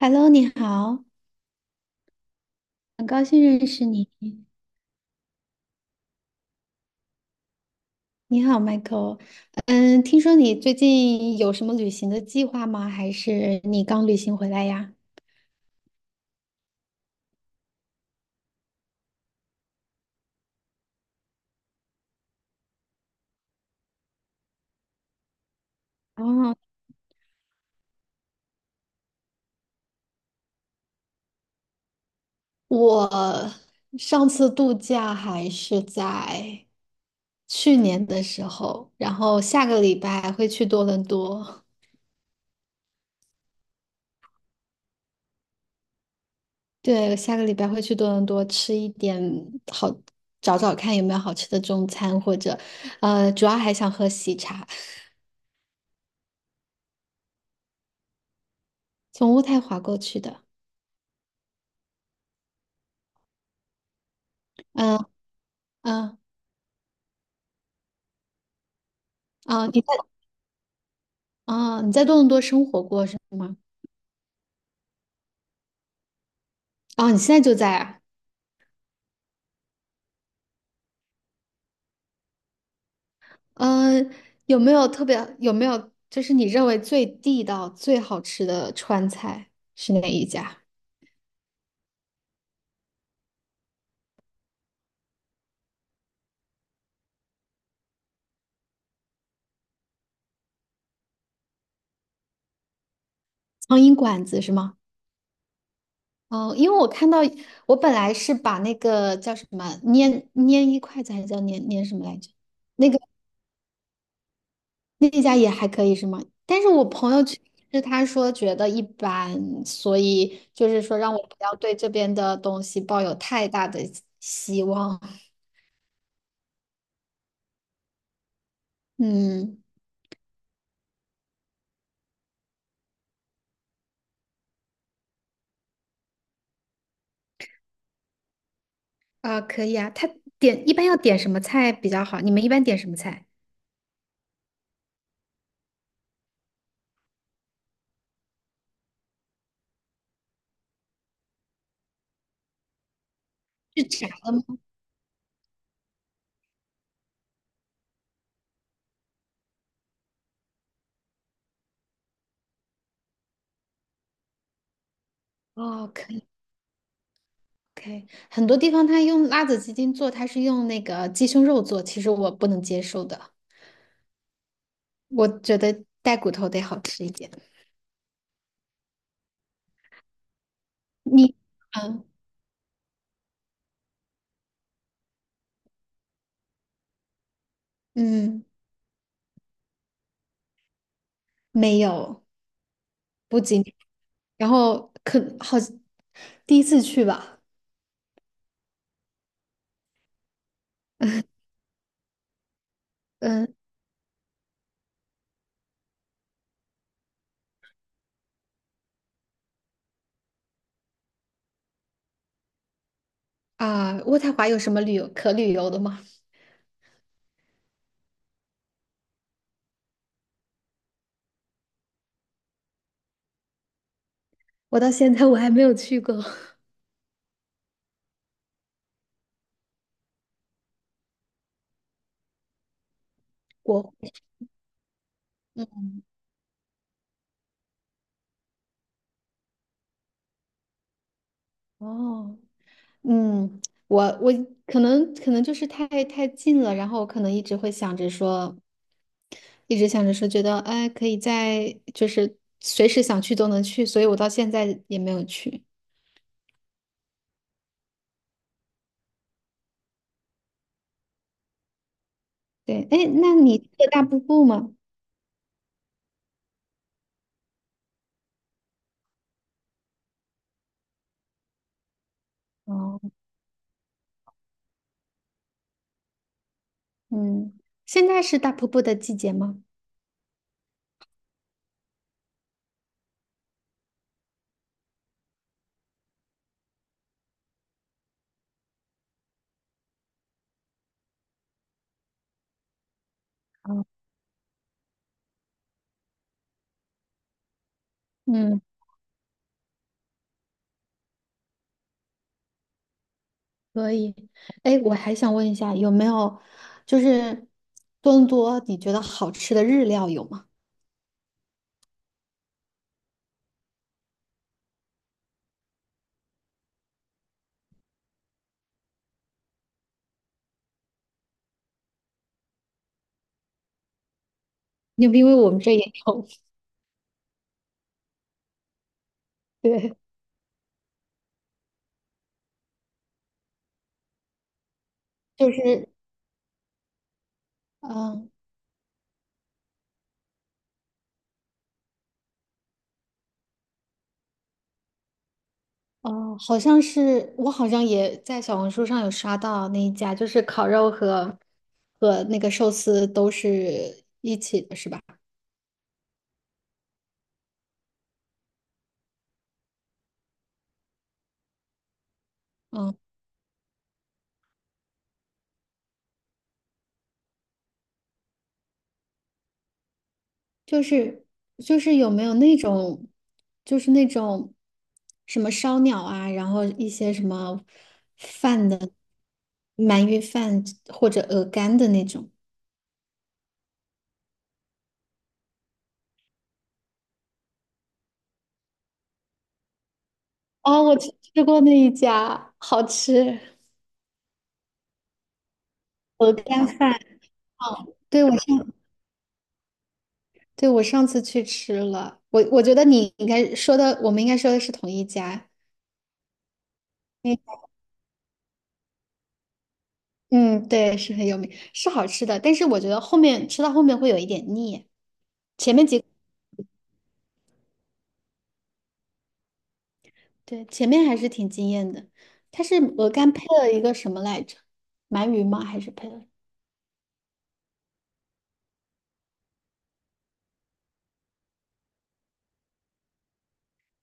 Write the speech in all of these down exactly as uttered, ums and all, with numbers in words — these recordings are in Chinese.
Hello，你好，很高兴认识你。你好，Michael。嗯，听说你最近有什么旅行的计划吗？还是你刚旅行回来呀？哦，我上次度假还是在去年的时候，然后下个礼拜会去多伦多。对，下个礼拜会去多伦多吃一点好，找找看有没有好吃的中餐，或者，呃，主要还想喝喜茶，从渥太华过去的。嗯嗯，啊，你在啊，你在多伦多生活过是吗？啊，你现在就在啊？嗯，有没有特别有没有就是你认为最地道、最好吃的川菜是哪一家？苍蝇馆子是吗？哦，因为我看到我本来是把那个叫什么粘粘一筷子还是叫粘粘什么来着？那个。那家也还可以是吗？但是我朋友去吃，他说觉得一般，所以就是说让我不要对这边的东西抱有太大的希望。嗯，啊、可以啊。他点一般要点什么菜比较好？你们一般点什么菜？是炸的吗？哦，可以可以。很多地方他用辣子鸡丁做，他是用那个鸡胸肉做，其实我不能接受的。我觉得带骨头得好吃一点。你，嗯嗯，没有，不仅。然后可好，第一次去吧，嗯啊，渥太华有什么旅游可旅游的吗？我到现在我还没有去过 国，嗯哦，嗯，我我可能可能就是太太近了，然后我可能一直会想着说，一直想着说，觉得哎可以在就是随时想去都能去，所以我到现在也没有去。对，哎，那你去了大瀑布吗？哦，嗯，现在是大瀑布的季节吗？哦，嗯。可以，哎，我还想问一下，有没有就是多伦多你觉得好吃的日料有吗？因为因为我们这也有，对，就是嗯哦，好像是我好像也在小红书上有刷到那一家，就是烤肉和和那个寿司都是一起的，是吧？嗯。就是就是有没有那种，就是那种什么烧鸟啊，然后一些什么饭的鳗鱼饭或者鹅肝的那种。哦，我吃吃过那一家，好吃，鹅肝饭。哦，对，我上，对，我上次去吃了，我我觉得你应该说的，我们应该说的是同一家。嗯嗯，对，是很有名，是好吃的，但是我觉得后面吃到后面会有一点腻，前面几。对，前面还是挺惊艳的。它是鹅肝配了一个什么来着？鳗鱼吗？还是配了？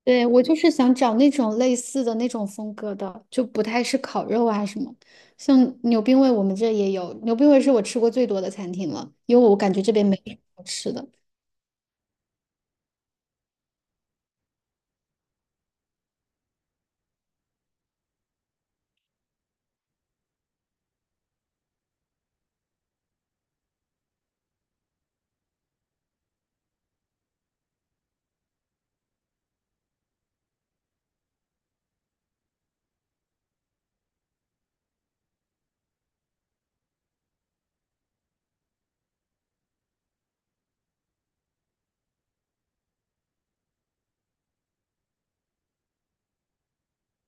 对，我就是想找那种类似的那种风格的，就不太是烤肉啊什么。像牛冰味，我们这也有。牛冰味是我吃过最多的餐厅了，因为我感觉这边没什么好吃的。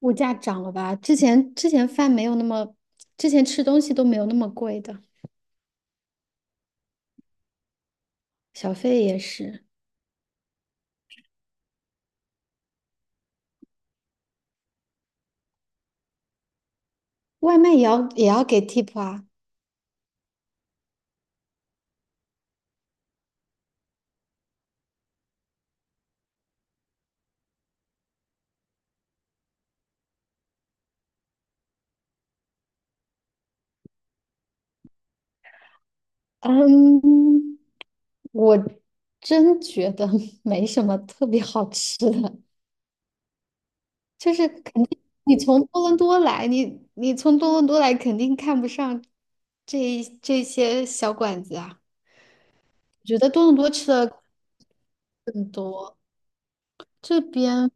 物价涨了吧？之前之前饭没有那么，之前吃东西都没有那么贵的，小费也是，外卖也要也要给 tip 啊。嗯，我真觉得 没什么特别好吃的，就是肯定你从多伦多来，你你从多伦多来肯定看不上这这些小馆子啊。我觉得多伦多吃的更多，这边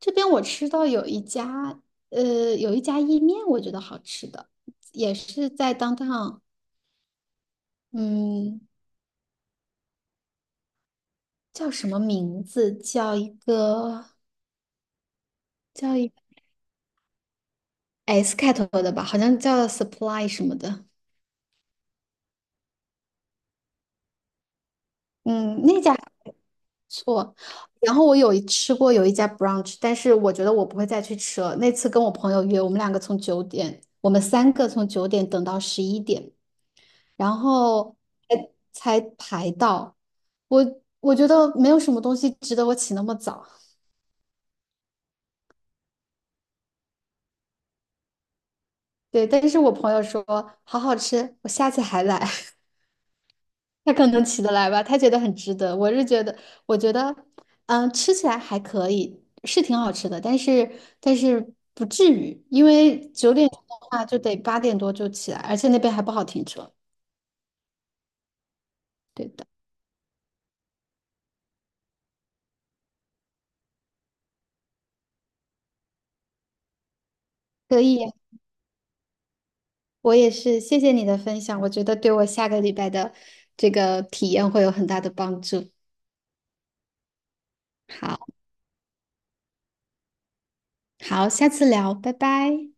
这边我吃到有一家呃有一家意面，我觉得好吃的，也是在当当，嗯，叫什么名字？叫一个叫一个 S 开头的吧，好像叫 Supply 什么的。嗯，那家还不错。然后我有一吃过有一家 brunch，但是我觉得我不会再去吃了。那次跟我朋友约，我们两个从九点，我们三个从九点等到十一点，然后才才排到。我我觉得没有什么东西值得我起那么早。对，但是我朋友说好好吃，我下次还来。他可能起得来吧，他觉得很值得。我是觉得，我觉得，嗯，吃起来还可以，是挺好吃的，但是但是不至于，因为九点钟的话就得八点多就起来，而且那边还不好停车。对的，可以呀，我也是，谢谢你的分享，我觉得对我下个礼拜的这个体验会有很大的帮助。好，好，下次聊，拜拜。